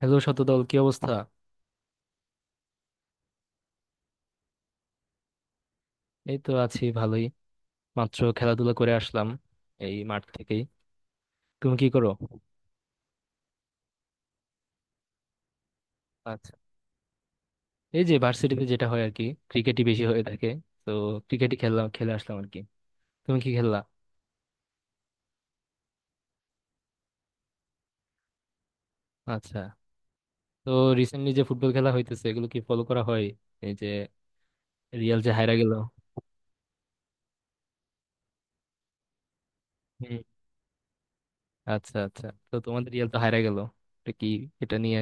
Hello, Shatadal, কি অবস্থা? এই তো আছি ভালোই। মাত্র খেলাধুলা করে আসলাম এই মাঠ থেকেই। তুমি কি করো? আচ্ছা। এই যে ভার্সিটিতে যেটা হয় আর কি, ক্রিকেটই বেশি হয়ে থাকে। তো ক্রিকেটই খেললাম, খেলে আসলাম আর কি। তুমি কি খেললা? আচ্ছা। তো রিসেন্টলি যে ফুটবল খেলা হইতেছে, এগুলো কি ফলো করা হয়? এই যে রিয়াল যে হায়রা গেল। হুম। আচ্ছা আচ্ছা, তো তোমাদের রিয়াল তো হায়রা গেল, এটা কি, এটা নিয়ে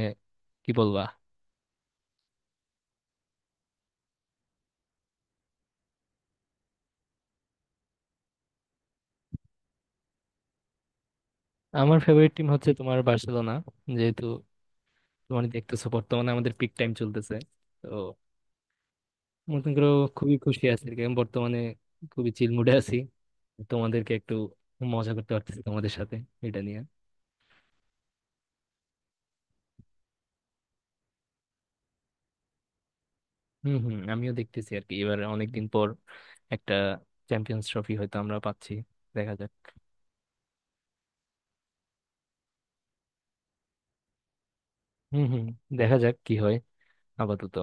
কি বলবা? আমার ফেভারিট টিম হচ্ছে তোমার বার্সেলোনা। যেহেতু তোমার দেখতেছো বর্তমানে আমাদের পিক টাইম চলতেছে, মনে করো খুবই খুশি আছি আর কি। আমি বর্তমানে খুবই চিল মুডে আছি, তোমাদেরকে একটু মজা করতে পারতেছি তোমাদের সাথে এটা নিয়ে। হম হম, আমিও দেখতেছি আর কি, এবার অনেকদিন পর একটা চ্যাম্পিয়ন্স ট্রফি হয়তো আমরা পাচ্ছি। দেখা যাক। হম হম, দেখা যাক কি হয় আপাতত।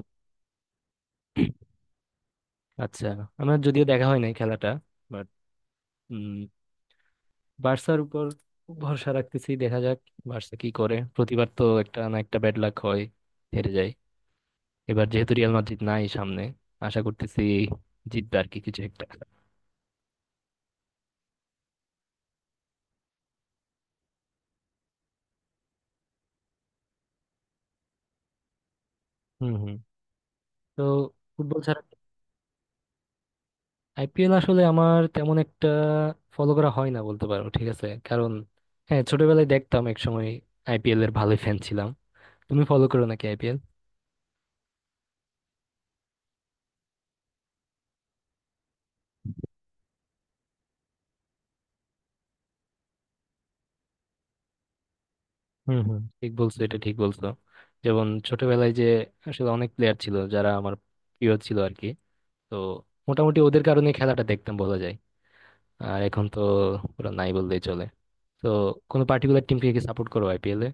আচ্ছা, আমার যদিও দেখা হয় নাই খেলাটা, বাট উম বার্সার উপর ভরসা রাখতেছি, দেখা যাক বার্সা কি করে। প্রতিবার তো একটা না একটা ব্যাড লাক হয়, হেরে যায়। এবার যেহেতু রিয়াল মাদ্রিদ নাই সামনে, আশা করতেছি জিতবে আর কি কিছু একটা। হুম হুম। তো ফুটবল ছাড়া আইপিএল আসলে আমার তেমন একটা ফলো করা হয় না বলতে পারো, ঠিক আছে। কারণ হ্যাঁ, ছোটবেলায় দেখতাম এক সময়, আইপিএল এর ভালোই ফ্যান ছিলাম। তুমি ফলো করো নাকি আইপিএল? হুম হুম, ঠিক বলছো, এটা ঠিক বলছো। যেমন ছোটবেলায় যে আসলে অনেক প্লেয়ার ছিল যারা আমার প্রিয় ছিল আর কি। তো মোটামুটি ওদের কারণে খেলাটা দেখতাম বলা যায়। আর এখন তো পুরো নাই বললেই চলে। তো কোনো পার্টিকুলার টিমকে কি সাপোর্ট করো আইপিএল এ?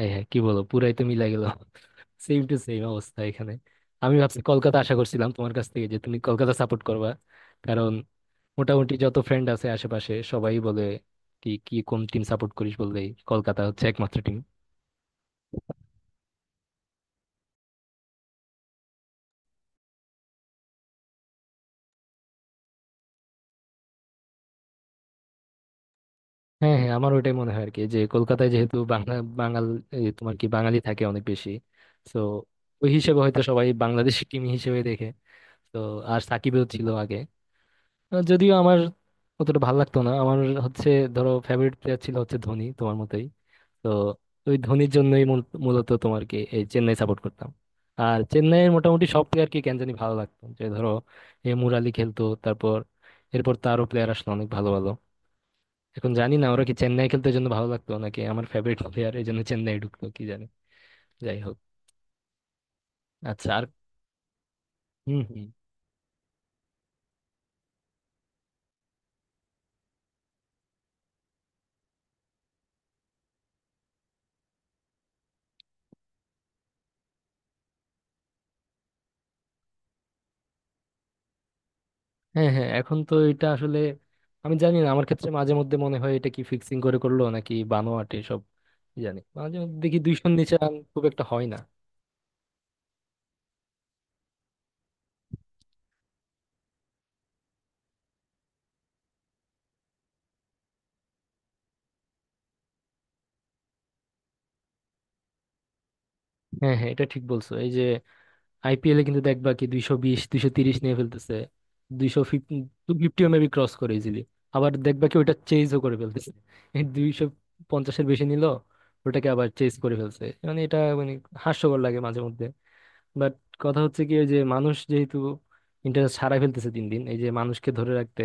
এই হ্যাঁ, কি বলো, পুরাই তো মিলাই গেল সেম টু সেম অবস্থা এখানে। আমি ভাবছি কলকাতা আশা করছিলাম তোমার কাছ থেকে, যে তুমি কলকাতা সাপোর্ট করবা। কারণ মোটামুটি যত ফ্রেন্ড আছে আশেপাশে সবাই বলে, কি কি কোন টিম সাপোর্ট করিস বললেই কলকাতা হচ্ছে একমাত্র টিম। হ্যাঁ হ্যাঁ, আমার ওটাই মনে হয় আর কি, যে কলকাতায় যেহেতু বাংলা, বাঙাল, এই তোমার কি বাঙালি থাকে অনেক বেশি। তো ওই হিসেবে হয়তো সবাই বাংলাদেশি টিম হিসেবে দেখে। তো আর সাকিবেও ছিল আগে। যদিও আমার অতটা ভালো লাগতো না আমার। হচ্ছে, ধরো ফেভারিট প্লেয়ার ছিল হচ্ছে ধোনি তোমার মতোই। তো ওই ধোনির জন্যই মূলত তোমার কি এই চেন্নাই সাপোর্ট করতাম। আর চেন্নাইয়ের মোটামুটি সব প্লেয়ারকে কেন জানি ভালো লাগতো, যে ধরো এ মুরালি খেলতো, তারপর এরপর তারও প্লেয়ার আসলো অনেক ভালো ভালো। এখন জানি না ওরা কি চেন্নাই খেলতে জন্য ভালো লাগতো নাকি আমার ফেভারিট প্লেয়ার এই জন্য চেন্নাই ঢুকতো, কি জানি। যাই হোক। আচ্ছা আর হম। হ্যাঁ হ্যাঁ, এখন তো এটা আসলে আমি জানি না, আমার ক্ষেত্রে মাঝে মধ্যে মনে হয় এটা কি ফিক্সিং করে করলো নাকি বানোয়াট সব জানি। মাঝে মধ্যে দেখি 200-এর নিচে রান খুব একটা হয় না। হ্যাঁ হ্যাঁ, এটা ঠিক বলছো। এই যে আইপিএলে কিন্তু দেখবা কি 220, 230 নিয়ে ফেলতেছে, 250, 250-ও মেবি ক্রস করে ইজিলি। আবার দেখবা কি ওটা চেঞ্জও করে ফেলতেছে, এই 250-এর বেশি নিল ওটাকে আবার চেঞ্জ করে ফেলছে। মানে এটা মানে হাস্যকর লাগে মাঝে মধ্যে। বাট কথা হচ্ছে কি, ওই যে মানুষ যেহেতু ইন্টারনেট সারাই ফেলতেছে দিন দিন, এই যে মানুষকে ধরে রাখতে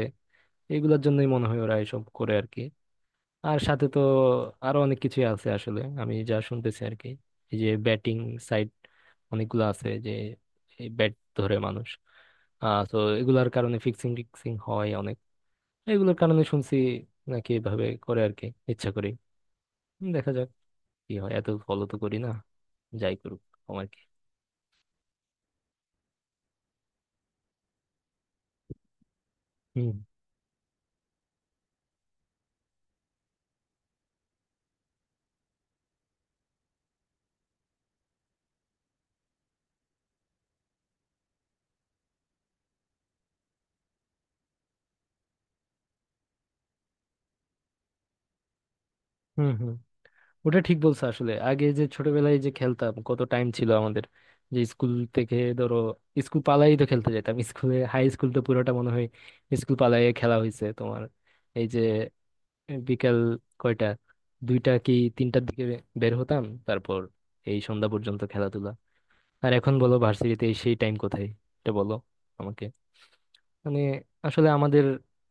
এগুলোর জন্যই মনে হয় ওরা এসব করে আর কি। আর সাথে তো আরো অনেক কিছুই আছে আসলে, আমি যা শুনতেছি আর কি। এই যে ব্যাটিং সাইট অনেকগুলো আছে যে এই ব্যাট ধরে মানুষ, আহ, তো এগুলার কারণে ফিক্সিং টিক্সিং হয় অনেক, এগুলোর কারণে শুনছি নাকি এভাবে করে আর কি। ইচ্ছা করি দেখা যাক কি হয়, এত ফলো তো করি না, যাই করুক আমার কি। হুম হুম হুম। ওটা ঠিক বলছো। আসলে আগে যে ছোটবেলায় যে খেলতাম, কত টাইম ছিল আমাদের! যে স্কুল থেকে ধরো স্কুল পালাই তো খেলতে যেতাম, স্কুলে হাই স্কুল তো পুরোটা মনে হয় স্কুল পালাইয়ে খেলা হয়েছে তোমার। এই যে বিকাল, কয়টা, দুইটা কি তিনটার দিকে বের হতাম, তারপর এই সন্ধ্যা পর্যন্ত খেলাধুলা। আর এখন বলো ভার্সিটিতে সেই টাইম কোথায়, এটা বলো আমাকে। মানে আসলে আমাদের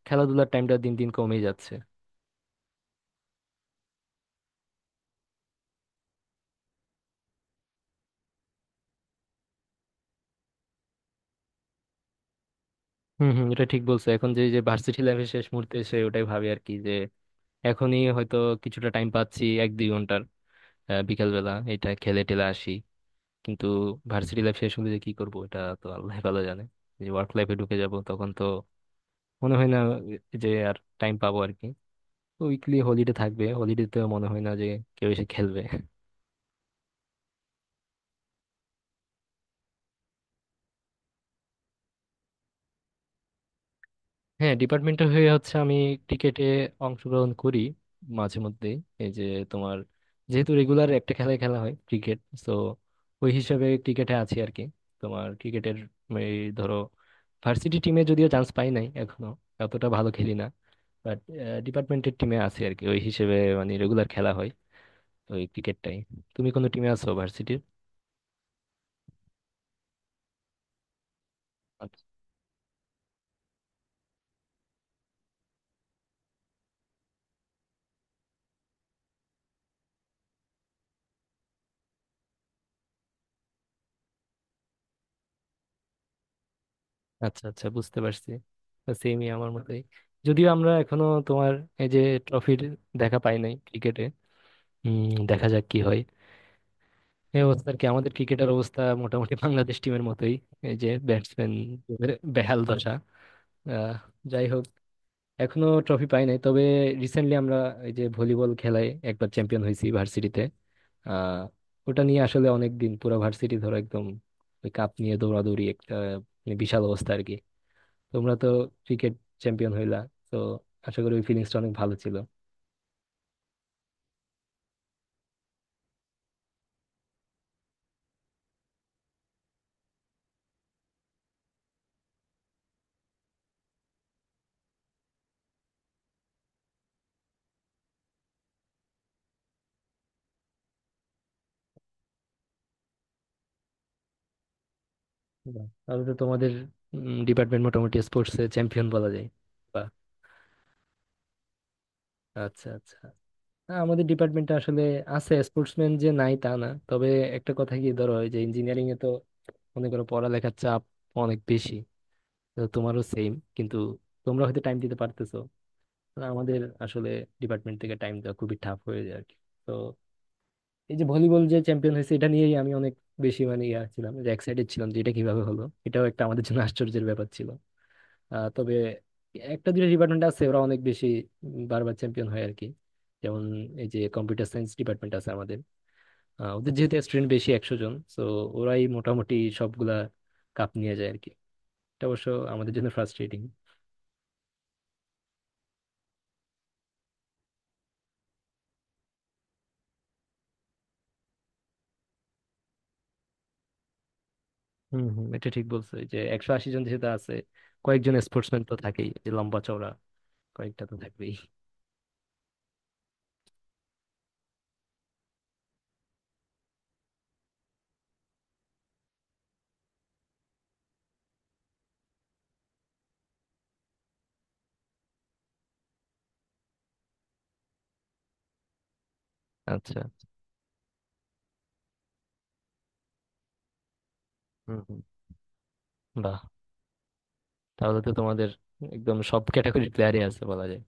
খেলাধুলার টাইমটা দিন দিন কমে যাচ্ছে। হম হম, এটা ঠিক বলছো। এখন যে যে ভার্সিটি লাইফের শেষ মুহূর্তে এসে ওটাই ভাবি আর কি, যে এখনই হয়তো কিছুটা টাইম পাচ্ছি এক দুই ঘন্টার, বিকালবেলা এটা খেলে টেলে আসি। কিন্তু ভার্সিটি লাইফ শেষ হলে যে কি করবো এটা তো আল্লাহ ভালো জানে। যে ওয়ার্ক লাইফে ঢুকে যাব তখন তো মনে হয় না যে আর টাইম পাবো আর কি। উইকলি হলিডে থাকবে, হলিডে তো মনে হয় না যে কেউ এসে খেলবে। হ্যাঁ, ডিপার্টমেন্টের হয়ে হচ্ছে আমি ক্রিকেটে অংশগ্রহণ করি মাঝে মধ্যে। এই যে তোমার, যেহেতু রেগুলার একটা খেলায় খেলা হয় ক্রিকেট, তো ওই হিসাবে ক্রিকেটে আছি আর কি। তোমার ক্রিকেটের, এই ধরো ভার্সিটি টিমে যদিও চান্স পাই নাই এখনো, অতটা ভালো খেলি না। বাট ডিপার্টমেন্টের টিমে আছি আর কি ওই হিসেবে, মানে রেগুলার খেলা হয় ওই ক্রিকেটটাই। তুমি কোনো টিমে আছো ভার্সিটির? আচ্ছা আচ্ছা, বুঝতে পারছি। সেমই আমার মতোই। যদিও আমরা এখনো তোমার এই যে ট্রফির দেখা পাই নাই ক্রিকেটে। হম, দেখা যাক কি হয়, এই অবস্থা আর কি। আমাদের ক্রিকেটের অবস্থা মোটামুটি বাংলাদেশ টিমের মতোই, এই যে ব্যাটসম্যান বেহাল দশা। আহ, যাই হোক, এখনো ট্রফি পাই নাই, তবে রিসেন্টলি আমরা এই যে ভলিবল খেলায় একবার চ্যাম্পিয়ন হয়েছি ভার্সিটিতে। আহ ওটা নিয়ে আসলে অনেক দিন পুরো ভার্সিটি ধরো একদম ওই কাপ নিয়ে দৌড়াদৌড়ি, একটা মানে বিশাল অবস্থা আর কি। তোমরা তো ক্রিকেট চ্যাম্পিয়ন হইলা, তো আশা করি ওই ফিলিংসটা অনেক ভালো ছিল। বাহ, তাহলে তো তোমাদের ডিপার্টমেন্ট মোটামুটি স্পোর্টস এ চ্যাম্পিয়ন বলা যায়। বাহ। আচ্ছা আচ্ছা, না, আমাদের ডিপার্টমেন্টটা আসলে, আছে স্পোর্টসম্যান, যে নাই তা না, তবে একটা কথা কি, ধরো ওই যে ইঞ্জিনিয়ারিং এ তো মনে করো পড়ালেখার চাপ অনেক বেশি। তো তোমারও সেম, কিন্তু তোমরা হয়তো টাইম দিতে পারতেছো। আর আমাদের আসলে ডিপার্টমেন্ট থেকে টাইম দেওয়া খুবই টাফ হয়ে যায় আর কি। তো এই যে ভলিবল যে চ্যাম্পিয়ন হয়েছে এটা নিয়েই আমি অনেক বেশি, মানে ইয়া ছিলাম, যে এক্সাইটেড ছিলাম যে এটা কিভাবে হলো, এটাও একটা আমাদের জন্য আশ্চর্যের ব্যাপার ছিল। তবে একটা দুটো ডিপার্টমেন্ট আছে ওরা অনেক বেশি বারবার চ্যাম্পিয়ন হয় আর কি। যেমন এই যে কম্পিউটার সায়েন্স ডিপার্টমেন্ট আছে আমাদের, ওদের যেহেতু স্টুডেন্ট বেশি, 100 জন, সো ওরাই মোটামুটি সবগুলা কাপ নিয়ে যায় আর কি। এটা অবশ্য আমাদের জন্য ফ্রাস্ট্রেটিং। হম হম, এটা ঠিক বলছো। এই যে 180 জন যেহেতু আছে, কয়েকজন স্পোর্টসম্যান তো থাকেই যে লম্বা চওড়া, কয়েকটা তো থাকবেই। আচ্ছা। হুম হুম, বাহ, তাহলে তো তোমাদের একদম সব ক্যাটাগরির প্লেয়ারই আছে বলা যায়।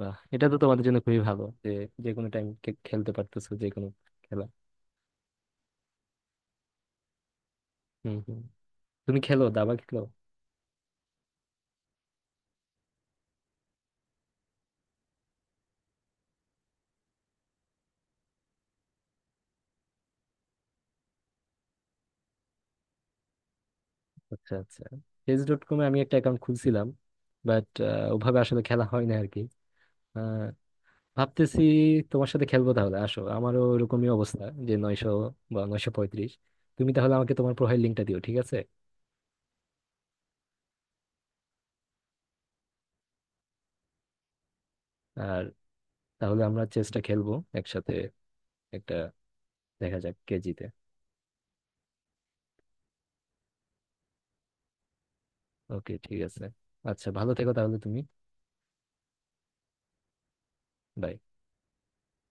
বাহ, এটা তো তোমাদের জন্য খুবই ভালো, যে যে কোনো টাইম খেলতে পারতেছো যে কোনো খেলা। হম হম। তুমি খেলো, দাবা খেলো? আচ্ছা আচ্ছা, চেস ডট কমে আমি একটা অ্যাকাউন্ট খুলছিলাম, বাট ওভাবে আসলে খেলা হয় না আর কি। আহ, ভাবতেছি তোমার সাথে খেলবো তাহলে। আসো, আমারও ওরকমই অবস্থা, যে 900 বা 935। তুমি তাহলে আমাকে তোমার প্রোফাইল লিঙ্কটা দিও, ঠিক আছে? আর তাহলে আমরা চেসটা খেলবো একসাথে একটা, দেখা যাক কে জিতে। ওকে, ঠিক আছে। আচ্ছা, ভালো থেকো তাহলে তুমি। Bye.